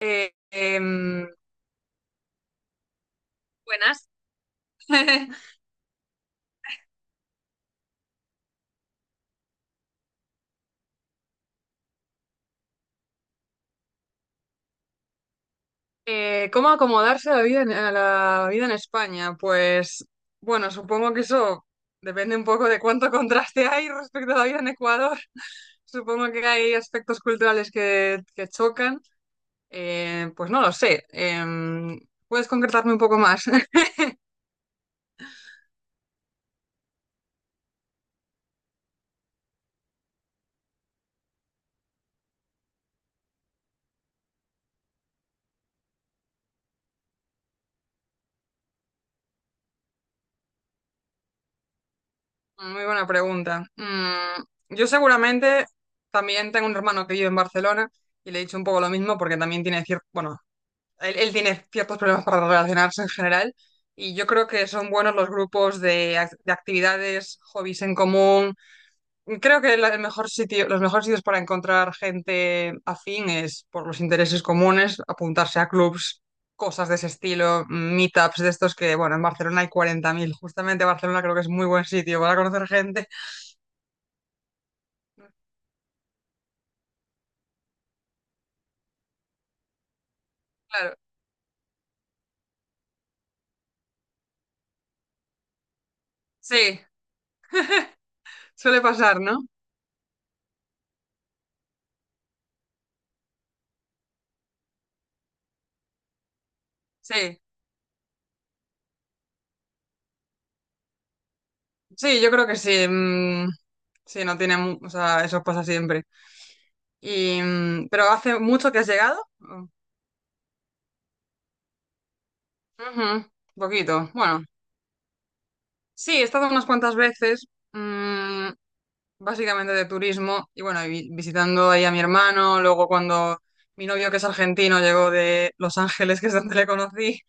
Eh, em, Buenas. ¿Cómo acomodarse a la vida en España? Pues bueno, supongo que eso depende un poco de cuánto contraste hay respecto a la vida en Ecuador. Supongo que hay aspectos culturales que chocan. Pues no lo sé. ¿Puedes concretarme un poco más? Muy buena pregunta. Yo seguramente también tengo un hermano que vive en Barcelona y le he dicho un poco lo mismo porque también tiene cierto, bueno, él tiene ciertos problemas para relacionarse en general y yo creo que son buenos los grupos de actividades, hobbies en común. Creo que el mejor sitio, los mejores sitios para encontrar gente afín es por los intereses comunes, apuntarse a clubs, cosas de ese estilo, meetups de estos que, bueno, en Barcelona hay 40.000. Justamente Barcelona creo que es muy buen sitio para conocer gente. Claro, sí, suele pasar, ¿no? Sí, sí, yo creo que sí. Mm, sí, no tiene, o sea, eso pasa siempre. Y, pero hace mucho que has llegado. Ujú, poquito. Bueno, sí, he estado unas cuantas veces, mm, básicamente de turismo, y bueno, y visitando ahí a mi hermano, luego cuando mi novio, que es argentino, llegó de Los Ángeles, que es donde le conocí,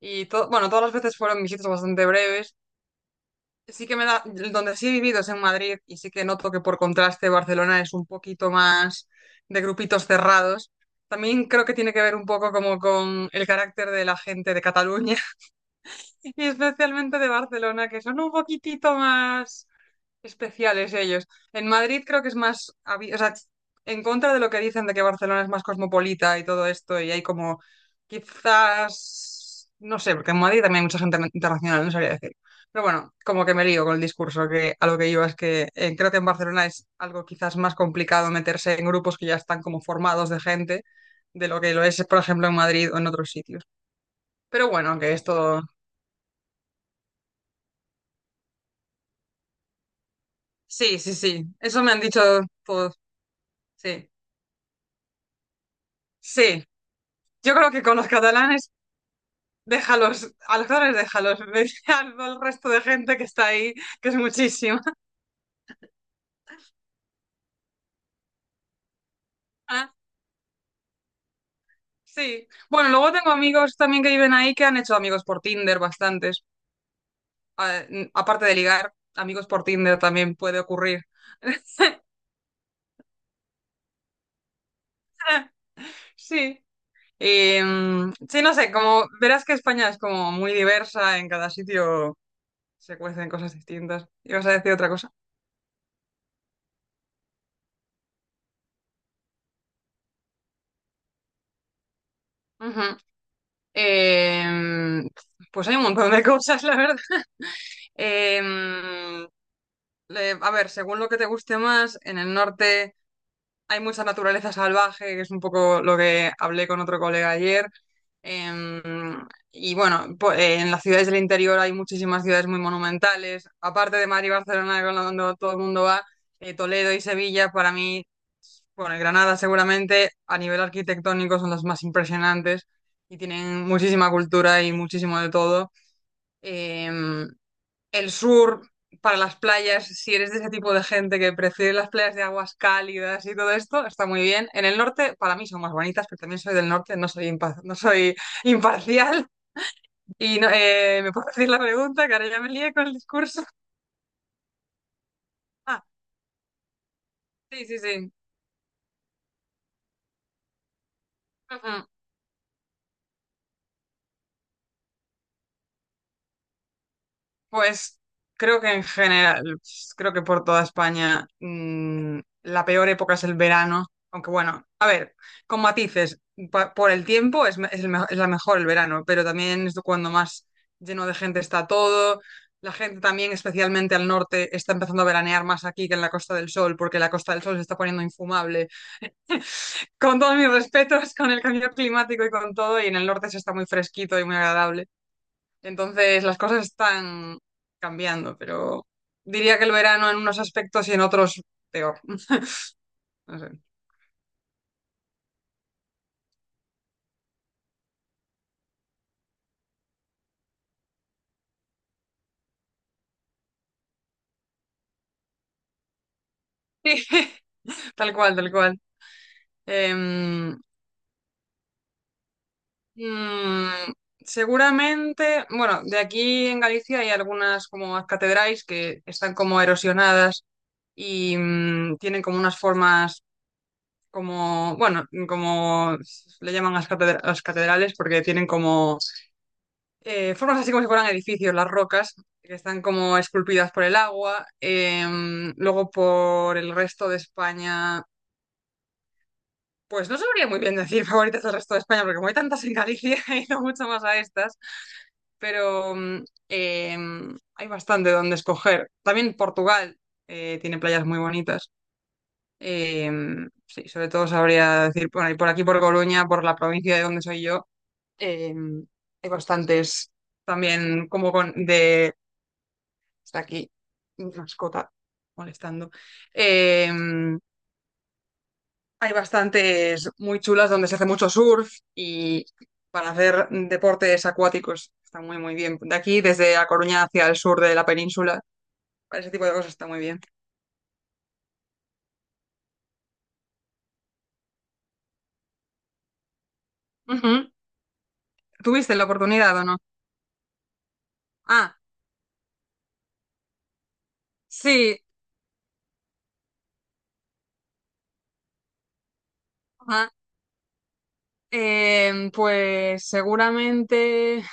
y todo, bueno, todas las veces fueron visitas bastante breves. Sí que me da, donde sí he vivido es en Madrid y sí que noto que por contraste Barcelona es un poquito más de grupitos cerrados. También creo que tiene que ver un poco como con el carácter de la gente de Cataluña y especialmente de Barcelona, que son un poquitito más especiales ellos. En Madrid creo que es más, o sea, en contra de lo que dicen de que Barcelona es más cosmopolita y todo esto, y hay como quizás, no sé, porque en Madrid también hay mucha gente internacional, no sabría decir. Pero bueno, como que me lío con el discurso, que a lo que iba es que creo que en Barcelona es algo quizás más complicado meterse en grupos que ya están como formados de gente, de lo que lo es, por ejemplo, en Madrid o en otros sitios. Pero bueno, que esto, sí, sí, sí, eso me han dicho todos, sí, sí. Yo creo que con los catalanes, déjalos, a los catalanes déjalos, vete al resto de gente que está ahí, que es muchísima. Sí. Bueno, luego tengo amigos también que viven ahí que han hecho amigos por Tinder, bastantes. Aparte de ligar, amigos por Tinder también puede ocurrir. Sí. Y, sí, no sé, como verás que España es como muy diversa, en cada sitio se cuecen cosas distintas. ¿Ibas a decir otra cosa? Ujú. Em, pues hay un montón de cosas, la verdad. Em, a ver, según lo que te guste más, en el norte hay mucha naturaleza salvaje, que es un poco lo que hablé con otro colega ayer. Em, y bueno, en las ciudades del interior hay muchísimas ciudades muy monumentales. Aparte de Madrid y Barcelona, donde todo el mundo va, Toledo y Sevilla, para mí, bueno, y Granada seguramente, a nivel arquitectónico son las más impresionantes y tienen muchísima cultura y muchísimo de todo. Em, el sur para las playas, si eres de ese tipo de gente que prefiere las playas de aguas cálidas y todo esto, está muy bien. En el norte, para mí son más bonitas, pero también soy del norte, no soy imparcial. Y no, ¿me puedo decir la pregunta? Que ahora ya me lié con el discurso. Ah, sí, sí, sí. Ujú. Pues creo que en general, pues, creo que por toda España la peor época es el verano, aunque bueno, a ver, con matices, por el tiempo es, me- es el me- es la mejor el verano, pero también es cuando más lleno de gente está todo. La gente también, especialmente al norte, está empezando a veranear más aquí que en la Costa del Sol, porque la Costa del Sol se está poniendo infumable. Con todos mis respetos, con el cambio climático y con todo, y en el norte se está muy fresquito y muy agradable. Entonces las cosas están cambiando, pero diría que el verano en unos aspectos y en otros peor. No, no sé. Sí, tal cual, tal cual. Em, mm, Seguramente, bueno, de aquí en Galicia hay algunas como catedrales que están como erosionadas y tienen como unas formas como, bueno, como le llaman las catedrales porque tienen como formas así como si fueran edificios, las rocas, que están como esculpidas por el agua. Luego por el resto de España, pues no sabría muy bien decir favoritas del resto de España, porque como hay tantas en Galicia, he ido mucho más a estas, pero hay bastante donde escoger. También Portugal tiene playas muy bonitas. Sí, sobre todo sabría decir, bueno, y por aquí, por Coruña, por la provincia de donde soy yo, em, hay bastantes también como con, de. Está aquí mi mascota molestando. Eh, Hay bastantes muy chulas donde se hace mucho surf y para hacer deportes acuáticos está muy, muy bien. De aquí, desde A Coruña hacia el sur de la península, para ese tipo de cosas está muy bien. Ujú. ¿Tuviste la oportunidad o no? Ah, sí. Ajá. Pues seguramente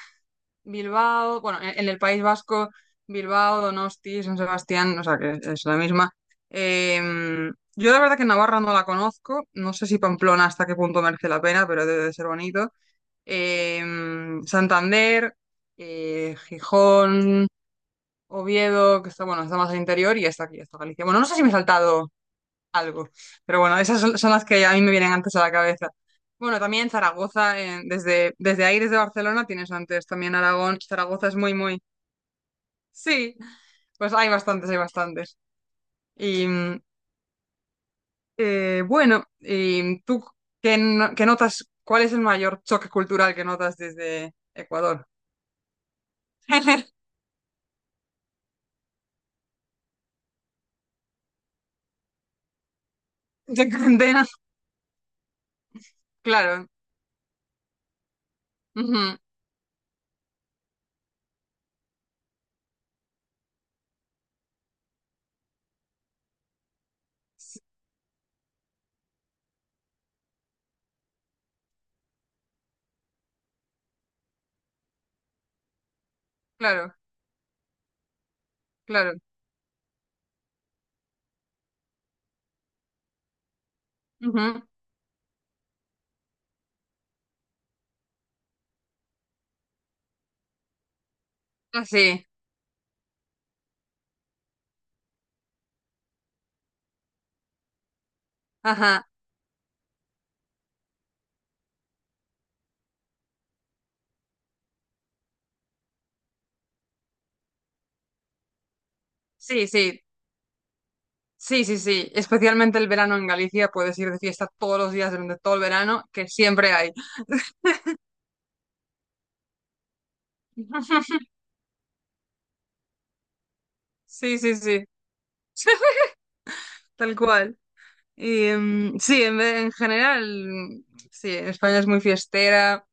Bilbao, bueno, en el País Vasco, Bilbao, Donosti, San Sebastián, o sea que es la misma. Yo la verdad que Navarra no la conozco, no sé si Pamplona hasta qué punto merece la pena, pero debe de ser bonito. Santander, Gijón, Oviedo, que está, bueno, está más al interior y está aquí, está Galicia. Bueno, no sé si me he saltado algo. Pero bueno, esas son, son las que a mí me vienen antes a la cabeza. Bueno, también Zaragoza, desde ahí, desde Barcelona, tienes antes también Aragón. Zaragoza es muy, muy... Sí, pues hay bastantes, hay bastantes. Y bueno, y tú, ¿qué, no- qué notas? ¿Cuál es el mayor choque cultural que notas desde Ecuador? de condena. Claro, ujú, sí, claro, claro. Ujú, así, ajá, sí, sí. Sí, sí, sí, especialmente el verano en Galicia, puedes ir de fiesta todos los días durante todo el verano, que siempre hay. Sí, sí, sí, tal cual. Y sí, en general, mm, sí, España es muy fiestera.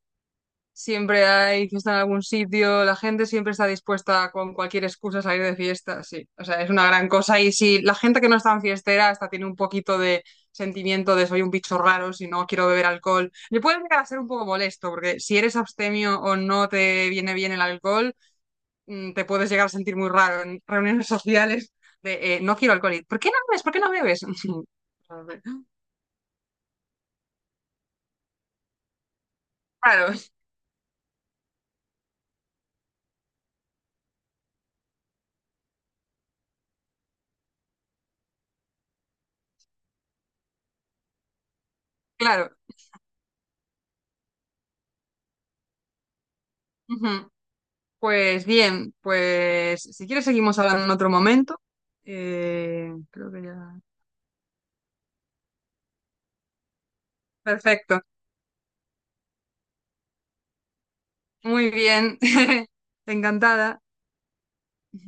Siempre hay fiesta en algún sitio, la gente siempre está dispuesta con cualquier excusa a salir de fiesta, sí. O sea, es una gran cosa. Y si la gente que no es tan fiestera hasta tiene un poquito de sentimiento de soy un bicho raro, si no quiero beber alcohol, le puede llegar a ser un poco molesto, porque si eres abstemio o no te viene bien el alcohol, te puedes llegar a sentir muy raro en reuniones sociales de no quiero alcohol. ¿Y por qué no bebes? ¿Por qué no bebes? Claro, claro. Ujú. Pues bien, pues si quieres seguimos hablando en otro momento. Creo que ya. Perfecto. Muy bien. Encantada.